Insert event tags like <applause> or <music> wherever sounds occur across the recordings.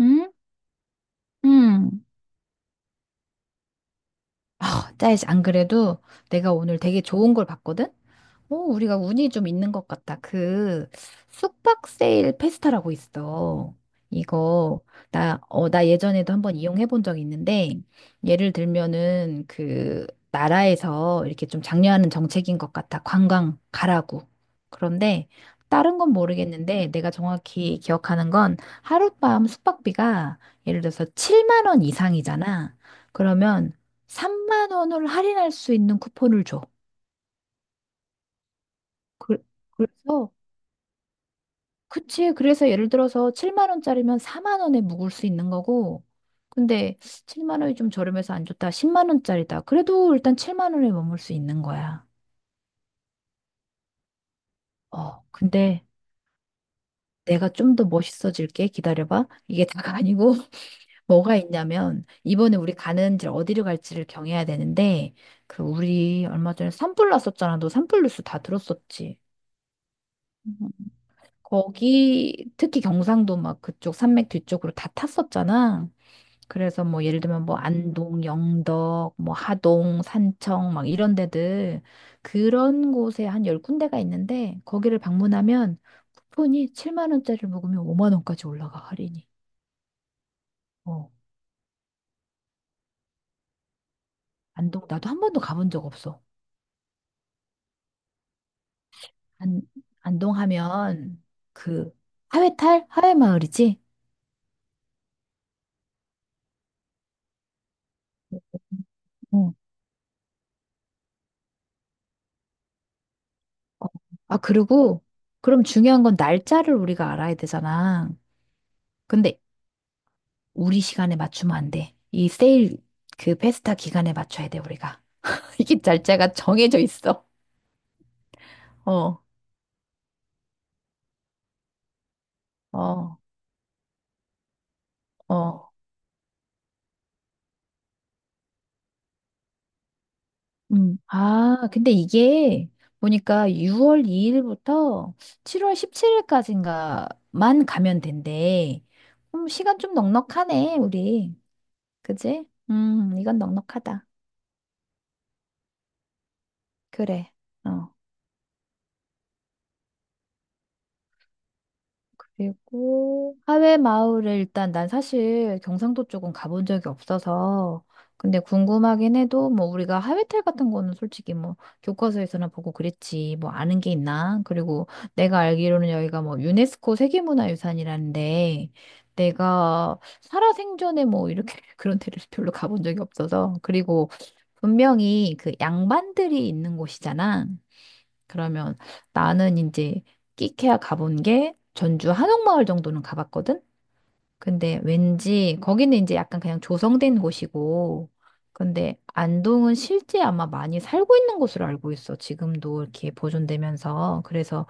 응? 응. 아, 짜이지. 안 그래도 내가 오늘 되게 좋은 걸 봤거든? 우리가 운이 좀 있는 것 같다. 그 숙박 세일 페스타라고 있어. 이거. 나 예전에도 한번 이용해 본 적이 있는데 예를 들면은 그 나라에서 이렇게 좀 장려하는 정책인 것 같아. 관광 가라고. 그런데 다른 건 모르겠는데 내가 정확히 기억하는 건 하룻밤 숙박비가 예를 들어서 7만 원 이상이잖아. 그러면 3만 원을 할인할 수 있는 쿠폰을 줘. 그- 그래서. 그치. 그래서 예를 들어서 7만 원짜리면 4만 원에 묵을 수 있는 거고, 근데 7만 원이 좀 저렴해서 안 좋다. 10만 원짜리다. 그래도 일단 7만 원에 머물 수 있는 거야. 어, 근데 내가 좀 더 멋있어질게. 기다려봐. 이게 다가 아니고, <laughs> 뭐가 있냐면, 이번에 우리 가는지 어디로 갈지를 경해야 되는데, 그 우리 얼마 전에 산불 났었잖아. 너 산불 뉴스 다 들었었지. 음. 거기 특히 경상도 막 그쪽 산맥 뒤쪽으로 다 탔었잖아. 그래서 뭐 예를 들면 뭐 안동, 영덕, 뭐 하동, 산청 막 이런 데들 그런 곳에 한 열군데가 있는데 거기를 방문하면 쿠폰이 7만 원짜리를 먹으면 5만 원까지 올라가 할인이. 어. 안동 나도 한 번도 가본 적 없어. 안 안동 하면 그 하회탈 하회마을이지? 응. 어. 어. 아 그리고 그럼 중요한 건 날짜를 우리가 알아야 되잖아. 근데 우리 시간에 맞추면 안 돼. 이 세일 그 페스타 기간에 맞춰야 돼, 우리가. <laughs> 이게 날짜가 정해져 있어. 어. 어. 어. 음. 아, 근데 이게 보니까 6월 2일부터 7월 17일까지인가만 가면 된대. 시간 좀 넉넉하네, 우리. 그지? 이건 넉넉하다. 그래. 어. 그리고 하회 마을을 일단 난 사실 경상도 쪽은 가본 적이 없어서 근데 궁금하긴 해도 뭐 우리가 하회탈 같은 거는 솔직히 뭐 교과서에서나 보고 그랬지 뭐 아는 게 있나? 그리고 내가 알기로는 여기가 뭐 유네스코 세계문화유산이라는데 내가 살아생전에 뭐 이렇게 <laughs> 그런 데를 별로 가본 적이 없어서 그리고 분명히 그 양반들이 있는 곳이잖아. 그러면 나는 이제 끼케야 가본 게 전주 한옥마을 정도는 가봤거든? 근데 왠지 거기는 이제 약간 그냥 조성된 곳이고, 근데 안동은 실제 아마 많이 살고 있는 곳으로 알고 있어. 지금도 이렇게 보존되면서. 그래서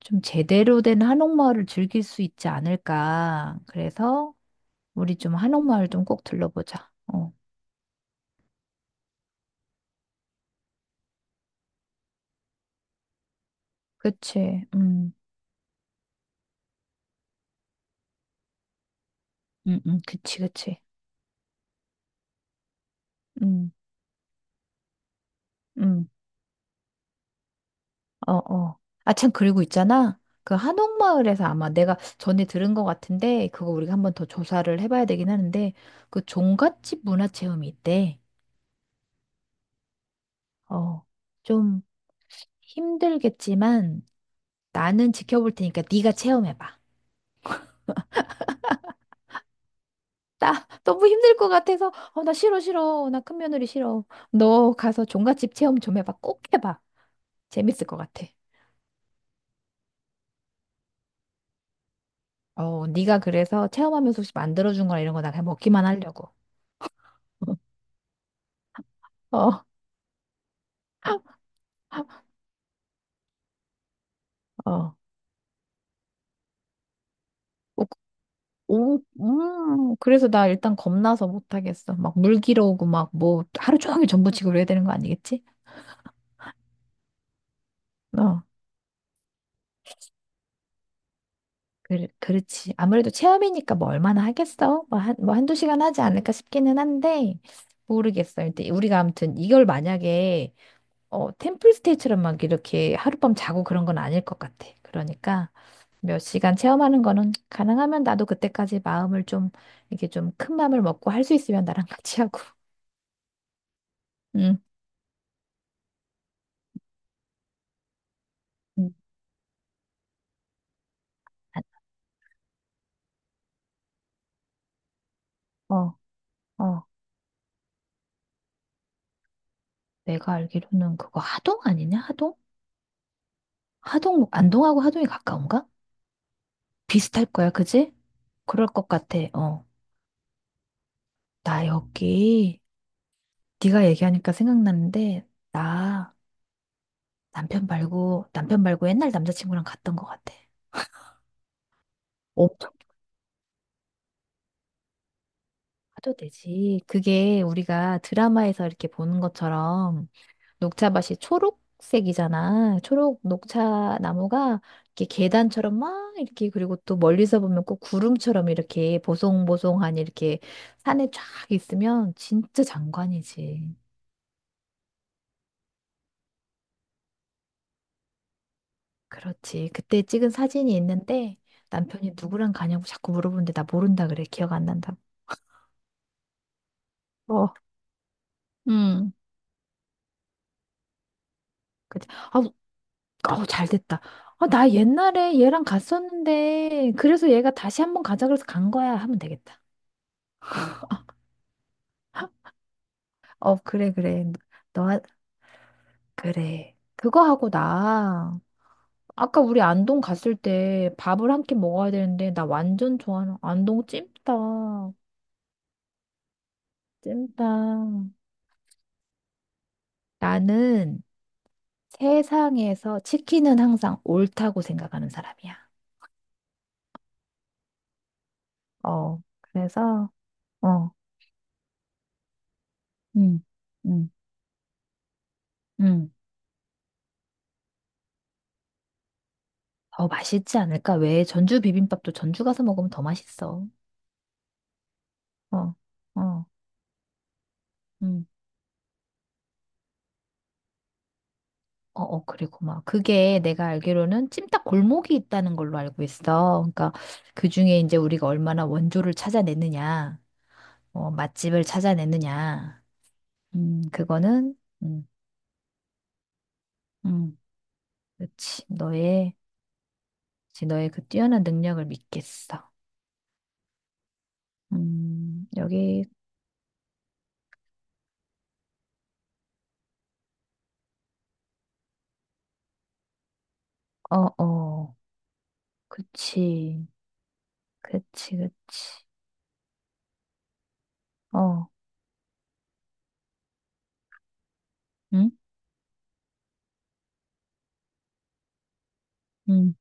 좀 제대로 된 한옥마을을 즐길 수 있지 않을까. 그래서 우리 좀 한옥마을 좀 꼭 들러보자. 어, 그치. 그치, 그치. 음, 음. 어, 어. 아, 참, 그리고 있잖아. 그 한옥마을에서 아마 내가 전에 들은 것 같은데, 그거 우리가 한번 더 조사를 해봐야 되긴 하는데, 그 종갓집 문화체험이 있대. 어, 좀 힘들겠지만, 나는 지켜볼 테니까 네가 체험해봐. 나 <laughs> 너무 힘들 것 같아서, 어, 나 싫어, 싫어. 나 큰 며느리 싫어. 너 가서 종갓집 체험 좀 해봐. 꼭 해봐. 재밌을 것 같아. 어, 네가 그래서 체험하면서 혹시 만들어준 거나 이런 거 나 그냥 먹기만 하려고. <laughs> 어, 어. 오, 그래서 나 일단 겁나서 못하겠어. 막 물 길어오고 막 뭐 하루 종일 전부치고 그래야 되는 거 아니겠지? 어, 그렇지. 아무래도 체험이니까 뭐 얼마나 하겠어? 뭐 한두 시간 하지 않을까 싶기는 한데, 모르겠어. 근데 우리가 아무튼 이걸 만약에, 어, 템플스테이처럼 막 이렇게 하룻밤 자고 그런 건 아닐 것 같아. 그러니까 몇 시간 체험하는 거는 가능하면 나도 그때까지 마음을 좀, 이렇게 좀 큰 마음을 먹고 할 수 있으면 나랑 같이 하고. 응. 응. 어, 어, 내가 알기로는 그거 하동 아니냐? 하동? 하동, 안동하고 하동이 가까운가? 비슷할 거야, 그지? 그럴 것 같아. 어. 나 여기, 네가 얘기하니까 생각나는데, 나 남편 말고, 남편 말고 옛날 남자친구랑 갔던 것 같아. 엄청 가도 되지. 그게 우리가 드라마에서 이렇게 보는 것처럼 녹차밭이 초록색이잖아. 초록 녹차 나무가 이렇게 계단처럼 막 이렇게 그리고 또 멀리서 보면 꼭 구름처럼 이렇게 보송보송하니 이렇게 산에 쫙 있으면 진짜 장관이지. 그렇지. 그때 찍은 사진이 있는데 남편이 누구랑 가냐고 자꾸 물어보는데 나 모른다 그래. 기억 안 난다고. 어. 음. 그치. 아우, 아우 잘 됐다. 아, 나 옛날에 얘랑 갔었는데 그래서 얘가 다시 한번 가자 그래서 간 거야 하면 되겠다. 어, 그래, 그래. 너, 그래. 그거 하고 나 아까 우리 안동 갔을 때 밥을 한 끼 먹어야 되는데 나 완전 좋아하는 안동 찜닭. 찜닭. 나는 세상에서 치킨은 항상 옳다고 생각하는 사람이야. 어. 그래서 어. 음. 음. 음. 더 맛있지 않을까? 왜 전주 비빔밥도 전주 가서 먹으면 더 맛있어. 어. 어. 음. 어, 어, 그리고 막 그게 내가 알기로는 찜닭 골목이 있다는 걸로 알고 있어. 그러니까 그 중에 이제 우리가 얼마나 원조를 찾아내느냐, 어, 맛집을 찾아내느냐, 그거는, 음, 음. 그렇지. 너의, 그치, 너의 그 뛰어난 능력을 믿겠어. 여기, 어, 어, 그치, 그치, 그치. 어, 응? 응.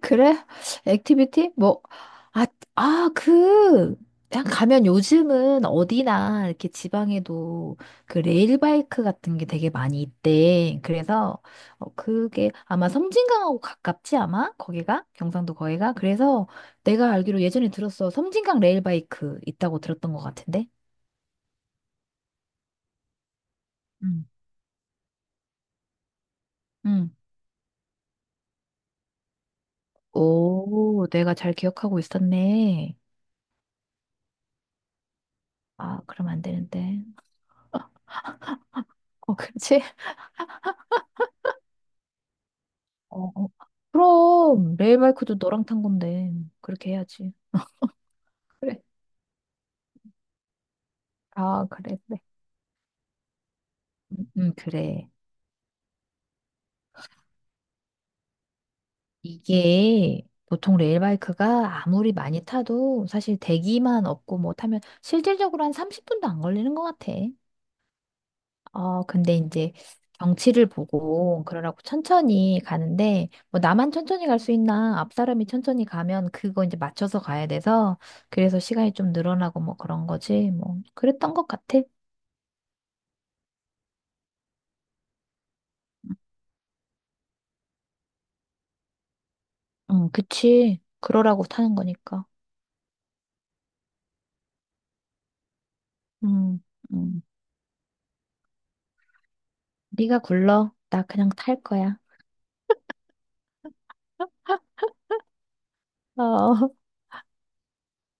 그래? 액티비티? 뭐, 아, 아, 그, 그냥 가면 요즘은 어디나 이렇게 지방에도 그 레일바이크 같은 게 되게 많이 있대. 그래서 어, 그게 아마 섬진강하고 가깝지 아마? 거기가? 경상도 거기가? 그래서 내가 알기로 예전에 들었어. 섬진강 레일바이크 있다고 들었던 것 같은데? 응. 응. 오, 내가 잘 기억하고 있었네. 아, 그럼 안 되는데. 어, 그렇지? 어, 어. 그럼 레일바이크도 너랑 탄 건데 그렇게 해야지. 그래. 아, 그래, 그래. 그래. 이게 보통 레일바이크가 아무리 많이 타도 사실 대기만 없고 뭐 타면 실질적으로 한 30분도 안 걸리는 것 같아. 어, 근데 이제 경치를 보고 그러라고 천천히 가는데 뭐 나만 천천히 갈 수 있나 앞 사람이 천천히 가면 그거 이제 맞춰서 가야 돼서 그래서 시간이 좀 늘어나고 뭐 그런 거지 뭐 그랬던 것 같아. 응, 그치. 그러라고 타는 거니까. 응, 응. 네가 굴러. 나 그냥 탈 거야. 어, <laughs>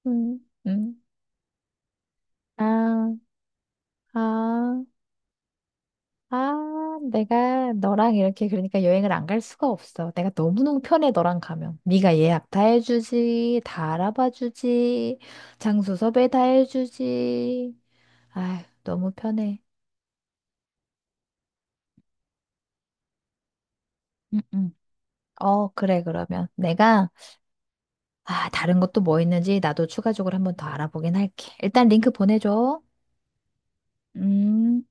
응, 응. 아, 아, 내가 너랑 이렇게 그러니까 여행을 안 갈 수가 없어. 내가 너무너무 편해, 너랑 가면. 네가 예약 다 해주지, 다 알아봐 주지, 장소 섭외 다 해주지. 아휴, 너무 편해. 응, 응. 어, 그래, 그러면. 내가 아, 다른 것도 뭐 있는지 나도 추가적으로 한번 더 알아보긴 할게. 일단 링크 보내줘. 음.